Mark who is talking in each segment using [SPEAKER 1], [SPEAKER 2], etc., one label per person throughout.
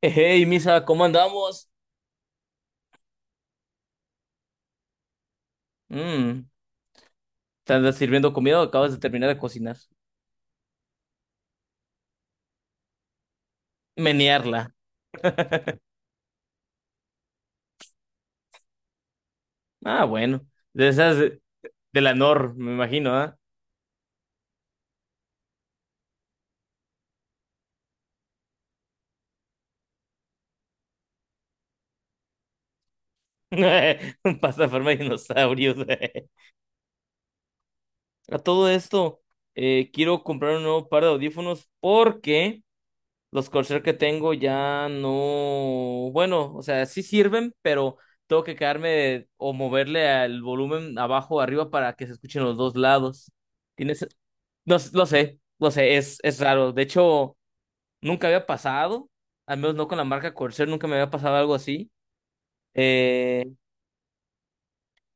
[SPEAKER 1] Hey, Misa, ¿cómo andamos? Mm, ¿te andas sirviendo comida o acabas de terminar de cocinar? Menearla. Ah, bueno. De esas de la Nor, me imagino, ¿ah? Un pasta en forma de dinosaurios. A todo esto, quiero comprar un nuevo par de audífonos porque los Corsair que tengo ya no. Bueno, o sea, sí sirven, pero tengo que quedarme o moverle el volumen abajo o arriba para que se escuchen los dos lados. ¿Tienes? No, lo sé, es raro. De hecho, nunca había pasado, al menos no con la marca Corsair, nunca me había pasado algo así. Eh,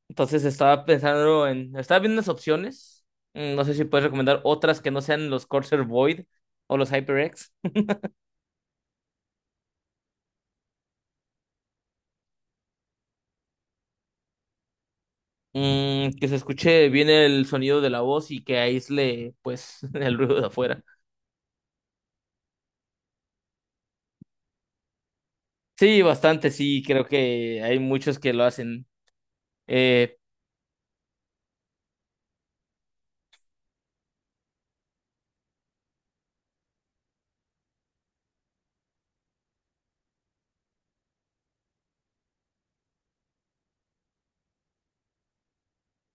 [SPEAKER 1] entonces estaba viendo unas opciones. No sé si puedes recomendar otras que no sean los Corsair Void o los HyperX. Que se escuche bien el sonido de la voz y que aísle, pues, el ruido de afuera. Sí, bastante, sí, creo que hay muchos que lo hacen. Eh,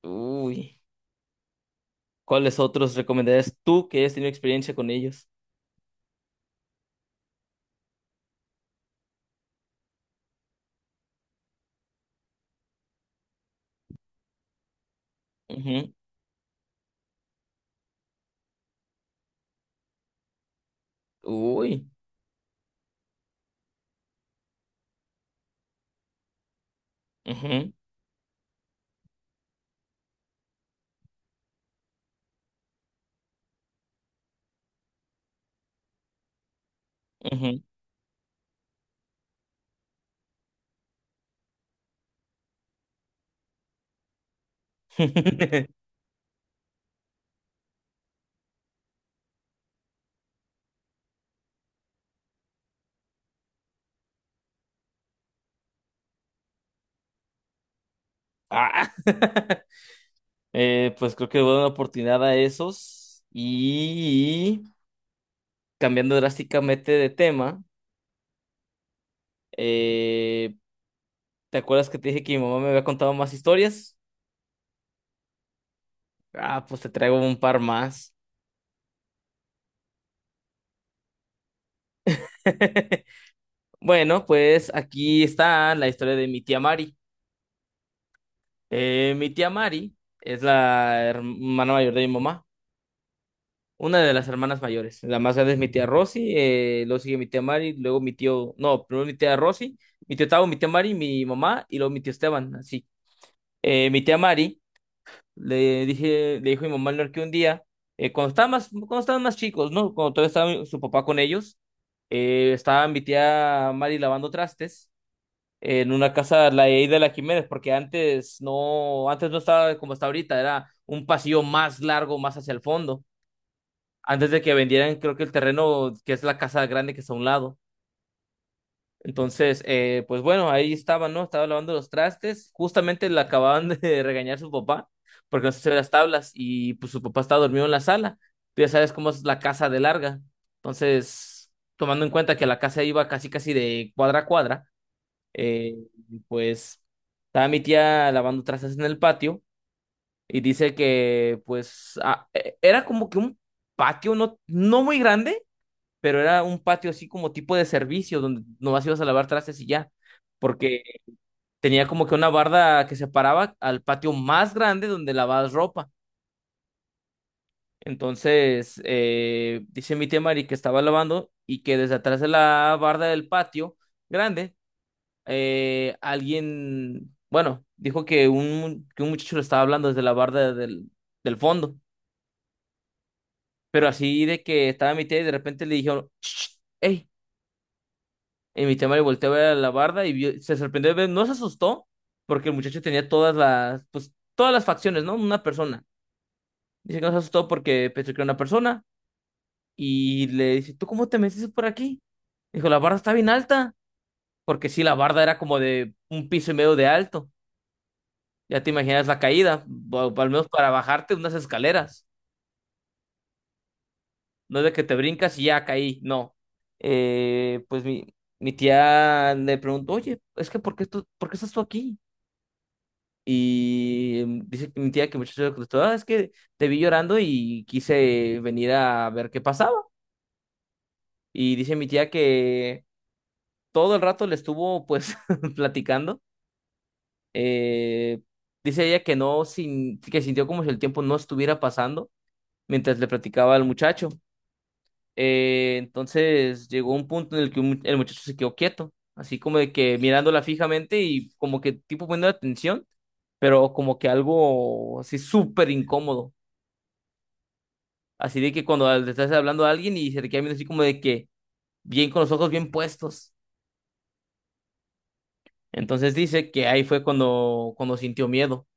[SPEAKER 1] Uy, ¿cuáles otros recomendarías tú que hayas tenido experiencia con ellos? Ujú. Uy. Ujú, ujú. Ah. Pues creo que voy a dar una oportunidad a esos. Y cambiando drásticamente de tema, eh, ¿te acuerdas que te dije que mi mamá me había contado más historias? Ah, pues te traigo un par más. Bueno, pues aquí está la historia de mi tía Mari. Mi tía Mari es la hermana mayor de mi mamá. Una de las hermanas mayores. La más grande es mi tía Rosy, luego sigue mi tía Mari, luego mi tío, no, primero mi tía Rosy, mi tío Tavo, mi tía Mari, mi mamá y luego mi tío Esteban, así. Mi tía Mari, le dije, le dijo a mi mamá al que un día, cuando estaban más chicos, ¿no? Cuando todavía estaba su papá con ellos, estaba mi tía Mari lavando trastes en una casa, la de ahí de la Jiménez, porque antes no estaba como está ahorita, era un pasillo más largo, más hacia el fondo antes de que vendieran, creo que el terreno, que es la casa grande que está a un lado. Entonces, pues bueno, ahí estaba, ¿no? Estaba lavando los trastes. Justamente le acababan de regañar su papá porque no se hacía las tablas y pues su papá estaba dormido en la sala. Tú ya sabes cómo es la casa de larga. Entonces, tomando en cuenta que la casa iba casi casi de cuadra a cuadra, eh, pues estaba mi tía lavando trastes en el patio y dice que pues era como que un patio no muy grande, pero era un patio así como tipo de servicio, donde nomás ibas a lavar trastes y ya, porque tenía como que una barda que separaba al patio más grande donde lavabas ropa. Entonces, dice mi tía Mari que estaba lavando y que desde atrás de la barda del patio grande, alguien, bueno, dijo que que un muchacho le estaba hablando desde la barda del fondo, pero así de que estaba mi tía y de repente le dijeron, hey, y mi tema le volteó a ver a la barda y se sorprendió, no se asustó, porque el muchacho tenía todas las, pues, todas las facciones, ¿no? Una persona. Dice que no se asustó porque pensó que era una persona y le dice, ¿tú cómo te metiste por aquí? Dijo, la barda está bien alta, porque sí, la barda era como de un piso y medio de alto. Ya te imaginas la caída, o al menos para bajarte unas escaleras. No es de que te brincas y ya caí, no. Pues mi tía le preguntó, oye, es que ¿por qué, tú, por qué estás tú aquí? Y dice que mi tía que el muchacho se contestó, "Ah, es que te vi llorando y quise venir a ver qué pasaba". Y dice mi tía que todo el rato le estuvo pues platicando. Eh, dice ella que no, sin, que sintió como si el tiempo no estuviera pasando mientras le platicaba al muchacho. Entonces llegó un punto en el que el muchacho se quedó quieto, así como de que mirándola fijamente y como que tipo poniendo atención, pero como que algo así súper incómodo. Así de que cuando le estás hablando a alguien y se te queda viendo así como de que bien, con los ojos bien puestos. Entonces dice que ahí fue cuando sintió miedo.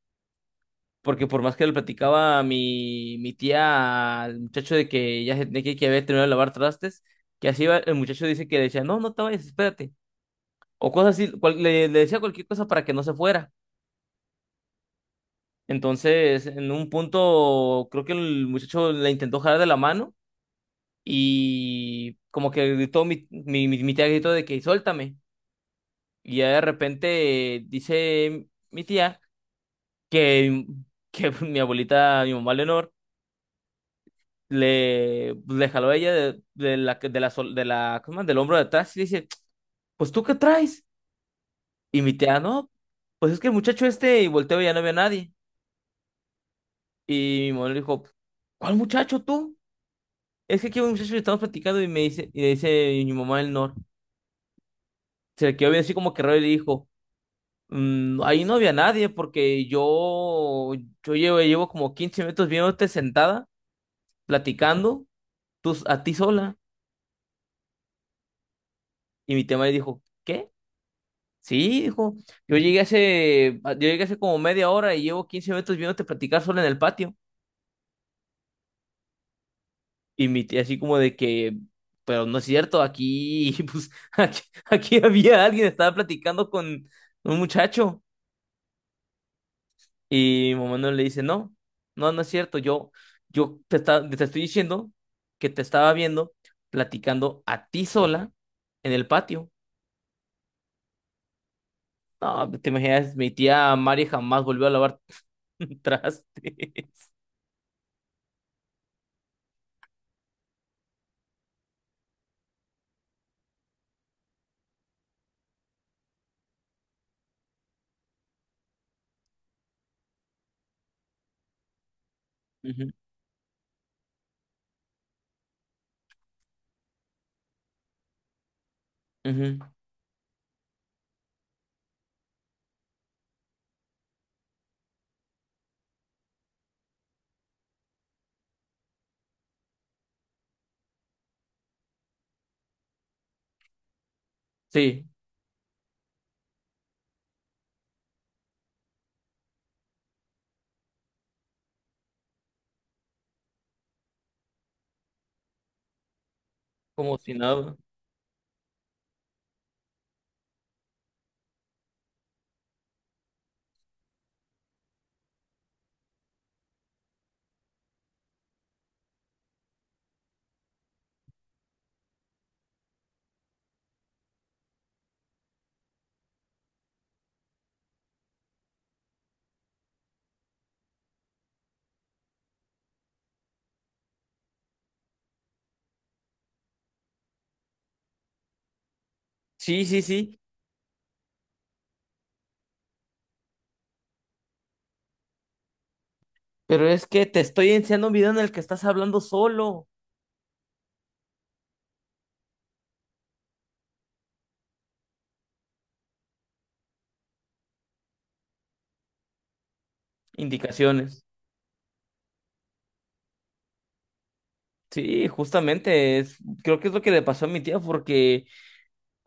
[SPEAKER 1] Porque por más que le platicaba a mi tía al muchacho de que ya se tenía que había terminado de lavar trastes, que así iba, el muchacho dice que le decía, no, no te vayas, espérate. O cosas así, le decía cualquier cosa para que no se fuera. Entonces, en un punto, creo que el muchacho le intentó jalar de la mano y como que gritó, mi tía gritó de que suéltame. Y ya de repente, dice mi tía que, que mi abuelita, mi mamá Leonor, le, pues, le jaló a ella de la, ¿cómo se llama?, del hombro de atrás y le dice, pues ¿tú qué traes? Y mi tía, no, pues es que el muchacho este, y volteo y ya no había nadie. Y mi mamá le dijo, ¿cuál muchacho tú? Es que aquí hay un muchacho que estamos platicando y me dice, y le dice mi mamá Leonor, se le quedó bien así como que raro y le dijo, Mm, ahí no había nadie porque yo llevo como 15 minutos viéndote sentada, platicando, tú, a ti sola. Y mi tema dijo, ¿qué? Sí, dijo, yo llegué hace como media hora y llevo 15 minutos viéndote platicar sola en el patio. Y mi tía así como de que, pero no es cierto, aquí, pues, aquí había alguien, estaba platicando con un muchacho. Y Momón le dice, no, no, no es cierto, yo te estoy diciendo que te estaba viendo platicando a ti sola en el patio. No, te imaginas, mi tía Mari jamás volvió a lavar trastes. Ujú, ujú. Sí, como si nada. Sí, sí, sí, pero es que te estoy enseñando un video en el que estás hablando solo. Indicaciones. Sí, justamente, creo que es lo que le pasó a mi tía porque...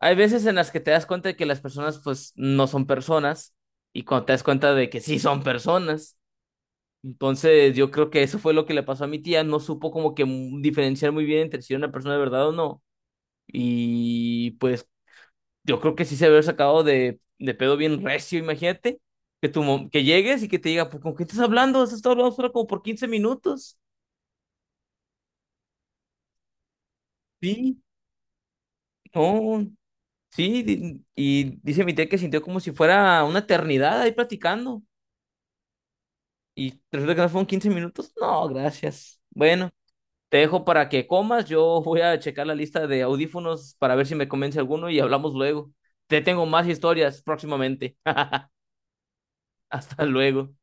[SPEAKER 1] Hay veces en las que te das cuenta de que las personas pues no son personas, y cuando te das cuenta de que sí son personas. Entonces yo creo que eso fue lo que le pasó a mi tía, no supo como que diferenciar muy bien entre si era una persona de verdad o no. Y pues yo creo que sí se había sacado de pedo bien recio, imagínate, que que llegues y que te diga, "Pues, ¿con qué estás hablando? Has estado hablando solo como por 15 minutos". Sí, no, sí, y dice mi tía que sintió como si fuera una eternidad ahí platicando. Y resulta que no fueron 15 minutos. No, gracias. Bueno, te dejo para que comas. Yo voy a checar la lista de audífonos para ver si me convence alguno y hablamos luego. Te tengo más historias próximamente. Hasta luego.